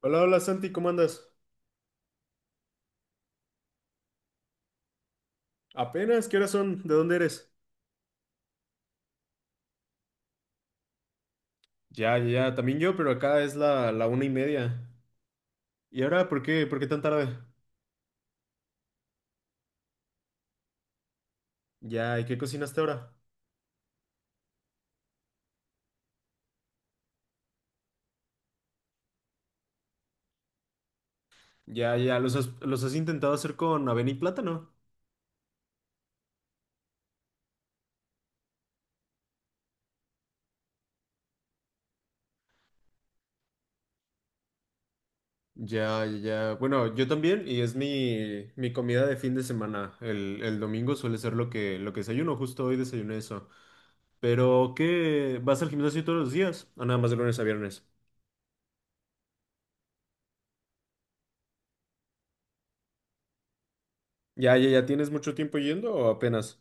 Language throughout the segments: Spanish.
Hola, hola Santi, ¿cómo andas? Apenas, ¿qué horas son? ¿De dónde eres? Ya, ya, ya, también yo, pero acá es la 1:30. ¿Y ahora por qué? ¿Por qué tan tarde? Ya, ¿y qué cocinaste ahora? Ya, ya, ¿los has intentado hacer con avena y plátano? Ya, ya, ya. Bueno, yo también, y es mi comida de fin de semana. El domingo suele ser lo que desayuno, justo hoy desayuné eso. Pero, ¿qué? ¿Vas al gimnasio todos los días? ¿O nada más de lunes a viernes? Ya, ya, ya, ¿tienes mucho tiempo yendo o apenas?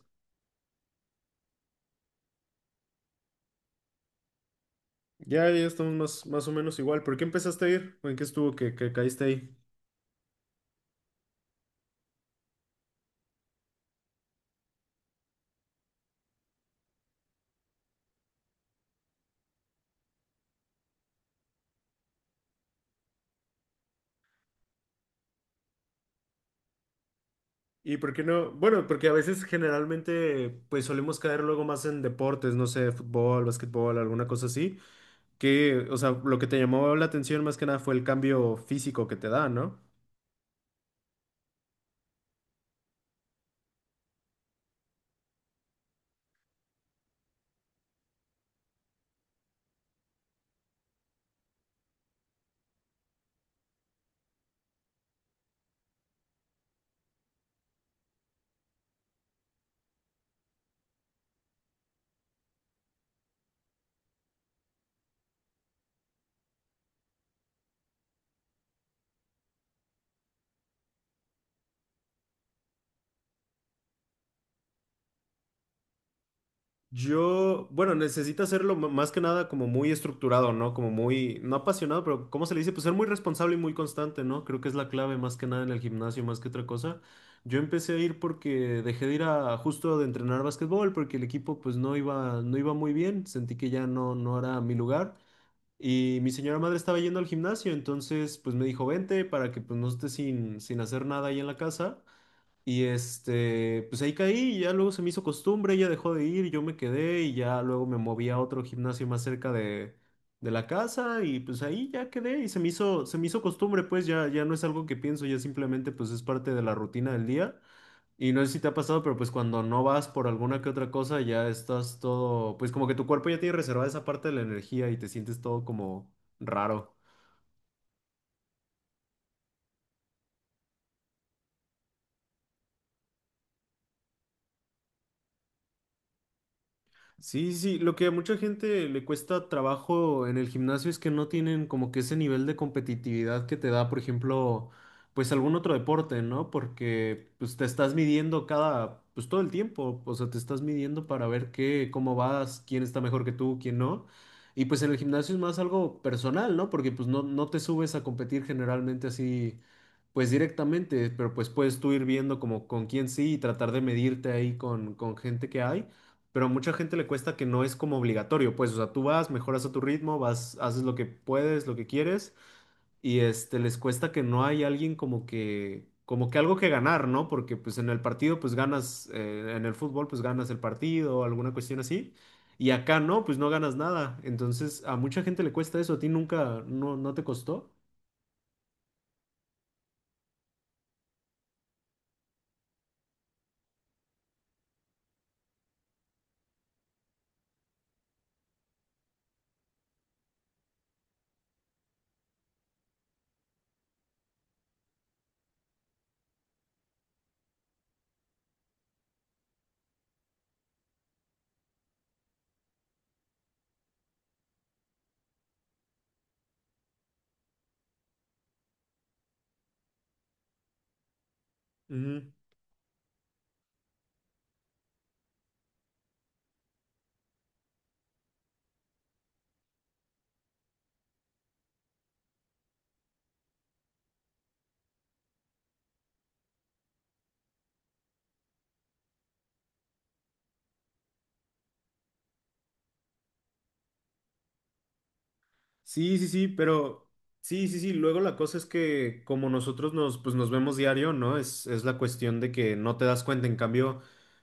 Ya, ya estamos más o menos igual. ¿Por qué empezaste a ir? ¿O ¿En qué estuvo que caíste ahí? ¿Y por qué no? Bueno, porque a veces generalmente pues solemos caer luego más en deportes, no sé, fútbol, básquetbol, alguna cosa así, o sea, lo que te llamó la atención más que nada fue el cambio físico que te da, ¿no? Yo, bueno, necesita hacerlo más que nada como muy estructurado, ¿no? Como muy, no apasionado, pero ¿cómo se le dice? Pues ser muy responsable y muy constante, ¿no? Creo que es la clave más que nada en el gimnasio, más que otra cosa. Yo empecé a ir porque dejé de ir a justo de entrenar básquetbol porque el equipo pues no iba, no iba muy bien, sentí que ya no era mi lugar y mi señora madre estaba yendo al gimnasio, entonces pues me dijo, vente para que pues no estés sin hacer nada ahí en la casa. Y pues ahí caí y ya luego se me hizo costumbre, ella dejó de ir, yo me quedé y ya luego me moví a otro gimnasio más cerca de la casa y pues ahí ya quedé y se me hizo costumbre, pues ya, ya no es algo que pienso, ya simplemente pues es parte de la rutina del día. Y no sé si te ha pasado, pero pues cuando no vas por alguna que otra cosa ya estás todo, pues como que tu cuerpo ya tiene reservada esa parte de la energía y te sientes todo como raro. Sí, sí, sí, lo que a mucha gente le cuesta trabajo en el gimnasio es que no tienen como que ese nivel de competitividad que te da, por ejemplo, pues algún otro deporte, ¿no? Porque pues te estás midiendo pues todo el tiempo, o sea, te estás midiendo para ver cómo vas, quién está mejor que tú, quién no. Y pues en el gimnasio es más algo personal, ¿no? Porque pues no te subes a competir generalmente así, pues directamente, pero pues puedes tú ir viendo como con quién sí y tratar de medirte ahí con gente que hay pero a mucha gente le cuesta que no es como obligatorio, pues, o sea, tú vas, mejoras a tu ritmo, vas, haces lo que puedes, lo que quieres, y les cuesta que no hay alguien como que algo que ganar, ¿no? Porque pues en el partido, pues ganas, en el fútbol, pues ganas el partido, alguna cuestión así, y acá no, pues no ganas nada, entonces a mucha gente le cuesta eso, ¿a ti nunca, no te costó? Ujú. Sí, sí, sí, pero sí, sí, sí. Luego la cosa es que como nosotros pues nos vemos diario, ¿no? Es la cuestión de que no te das cuenta. En cambio,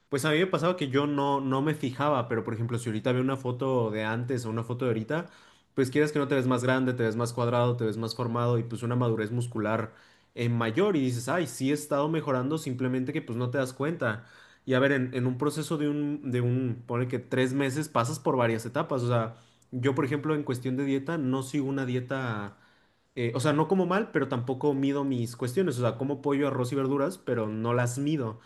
pues a mí me pasaba que yo no me fijaba, pero por ejemplo, si ahorita veo una foto de antes o una foto de ahorita, pues quieres que no te ves más grande, te ves más cuadrado, te ves más formado y pues una madurez muscular mayor y dices, ay, sí he estado mejorando, simplemente que pues no te das cuenta. Y a ver, en un proceso ponle que 3 meses pasas por varias etapas, o sea. Yo, por ejemplo, en cuestión de dieta, no sigo una dieta, o sea, no como mal, pero tampoco mido mis cuestiones, o sea, como pollo, arroz y verduras, pero no las mido.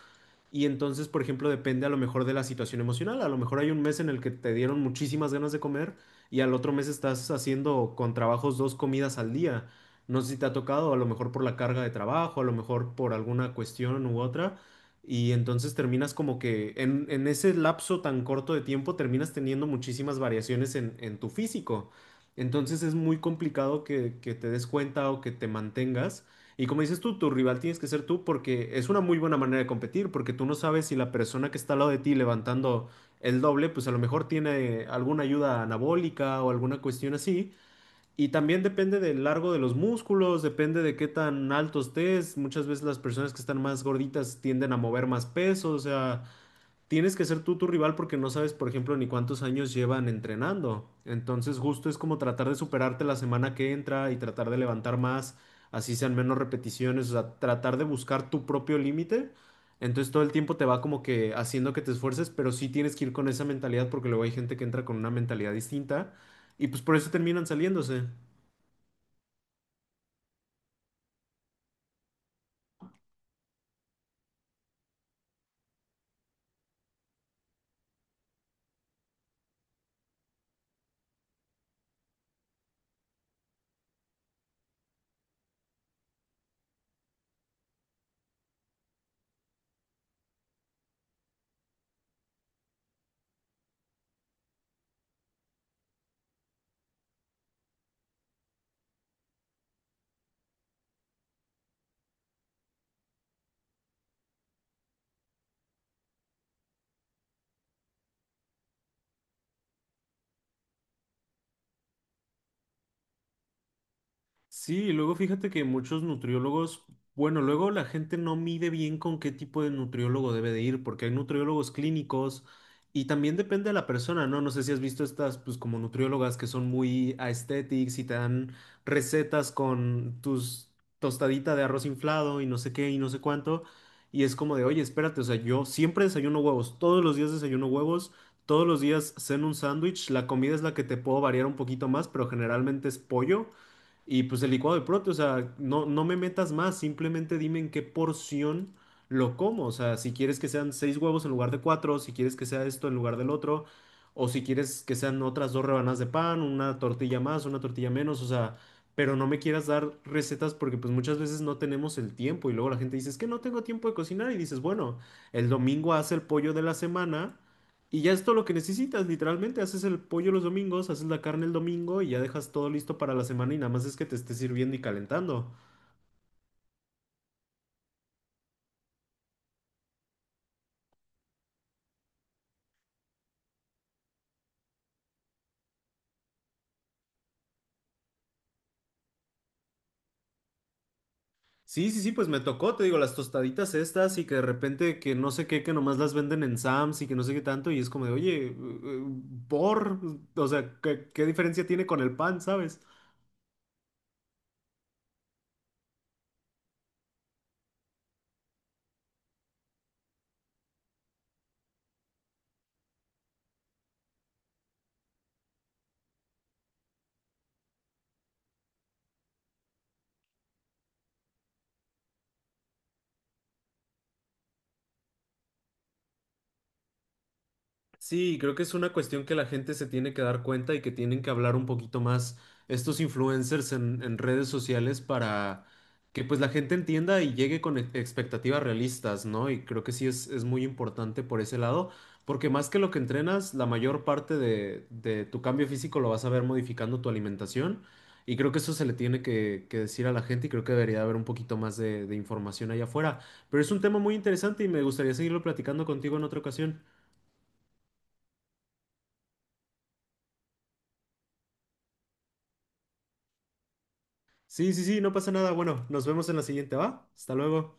Y entonces, por ejemplo, depende a lo mejor de la situación emocional. A lo mejor hay un mes en el que te dieron muchísimas ganas de comer y al otro mes estás haciendo con trabajos dos comidas al día. No sé si te ha tocado, a lo mejor por la carga de trabajo, a lo mejor por alguna cuestión u otra. Y entonces terminas como que en ese lapso tan corto de tiempo terminas teniendo muchísimas variaciones en tu físico. Entonces es muy complicado que te des cuenta o que te mantengas. Y como dices tú, tu rival tienes que ser tú porque es una muy buena manera de competir, porque tú no sabes si la persona que está al lado de ti levantando el doble, pues a lo mejor tiene alguna ayuda anabólica o alguna cuestión así. Y también depende del largo de los músculos, depende de qué tan alto estés. Muchas veces las personas que están más gorditas tienden a mover más peso, o sea, tienes que ser tú tu rival porque no sabes, por ejemplo, ni cuántos años llevan entrenando. Entonces, justo es como tratar de superarte la semana que entra y tratar de levantar más, así sean menos repeticiones, o sea, tratar de buscar tu propio límite. Entonces, todo el tiempo te va como que haciendo que te esfuerces, pero sí tienes que ir con esa mentalidad porque luego hay gente que entra con una mentalidad distinta y pues por eso terminan saliéndose. Sí, y luego fíjate que muchos nutriólogos, bueno, luego la gente no mide bien con qué tipo de nutriólogo debe de ir, porque hay nutriólogos clínicos y también depende de la persona, ¿no? No sé si has visto estas, pues como nutriólogas que son muy aesthetics y te dan recetas con tus tostadita de arroz inflado y no sé qué y no sé cuánto, y es como de, oye, espérate, o sea, yo siempre desayuno huevos, todos los días desayuno huevos. Todos los días ceno un sándwich, la comida es la que te puedo variar un poquito más, pero generalmente es pollo. Y pues el licuado de o sea, no me metas más, simplemente dime en qué porción lo como. O sea, si quieres que sean seis huevos en lugar de cuatro, si quieres que sea esto en lugar del otro, o si quieres que sean otras dos rebanadas de pan, una tortilla más, una tortilla menos, o sea, pero no me quieras dar recetas porque pues muchas veces no tenemos el tiempo y luego la gente dice, es que no tengo tiempo de cocinar y dices, bueno, el domingo hace el pollo de la semana y ya es todo lo que necesitas, literalmente. Haces el pollo los domingos, haces la carne el domingo y ya dejas todo listo para la semana y nada más es que te esté sirviendo y calentando. Sí, sí, sí, pues me tocó, te digo, las tostaditas estas y que de repente que no sé qué, que nomás las venden en Sam's y que no sé qué tanto y es como de, oye, eh, por, o sea, ¿qué diferencia tiene con el pan, sabes? Sí, creo que es una cuestión que la gente se tiene que dar cuenta y que tienen que hablar un poquito más estos influencers en redes sociales para que pues la gente entienda y llegue con expectativas realistas, ¿no? Y creo que sí es muy importante por ese lado, porque más que lo que entrenas, la mayor parte de tu cambio físico lo vas a ver modificando tu alimentación y creo que eso se le tiene que decir a la gente y creo que debería haber un poquito más de información allá afuera. Pero es un tema muy interesante y me gustaría seguirlo platicando contigo en otra ocasión. Sí, sí, sí, no pasa nada. Bueno, nos vemos en la siguiente, ¿va? Hasta luego.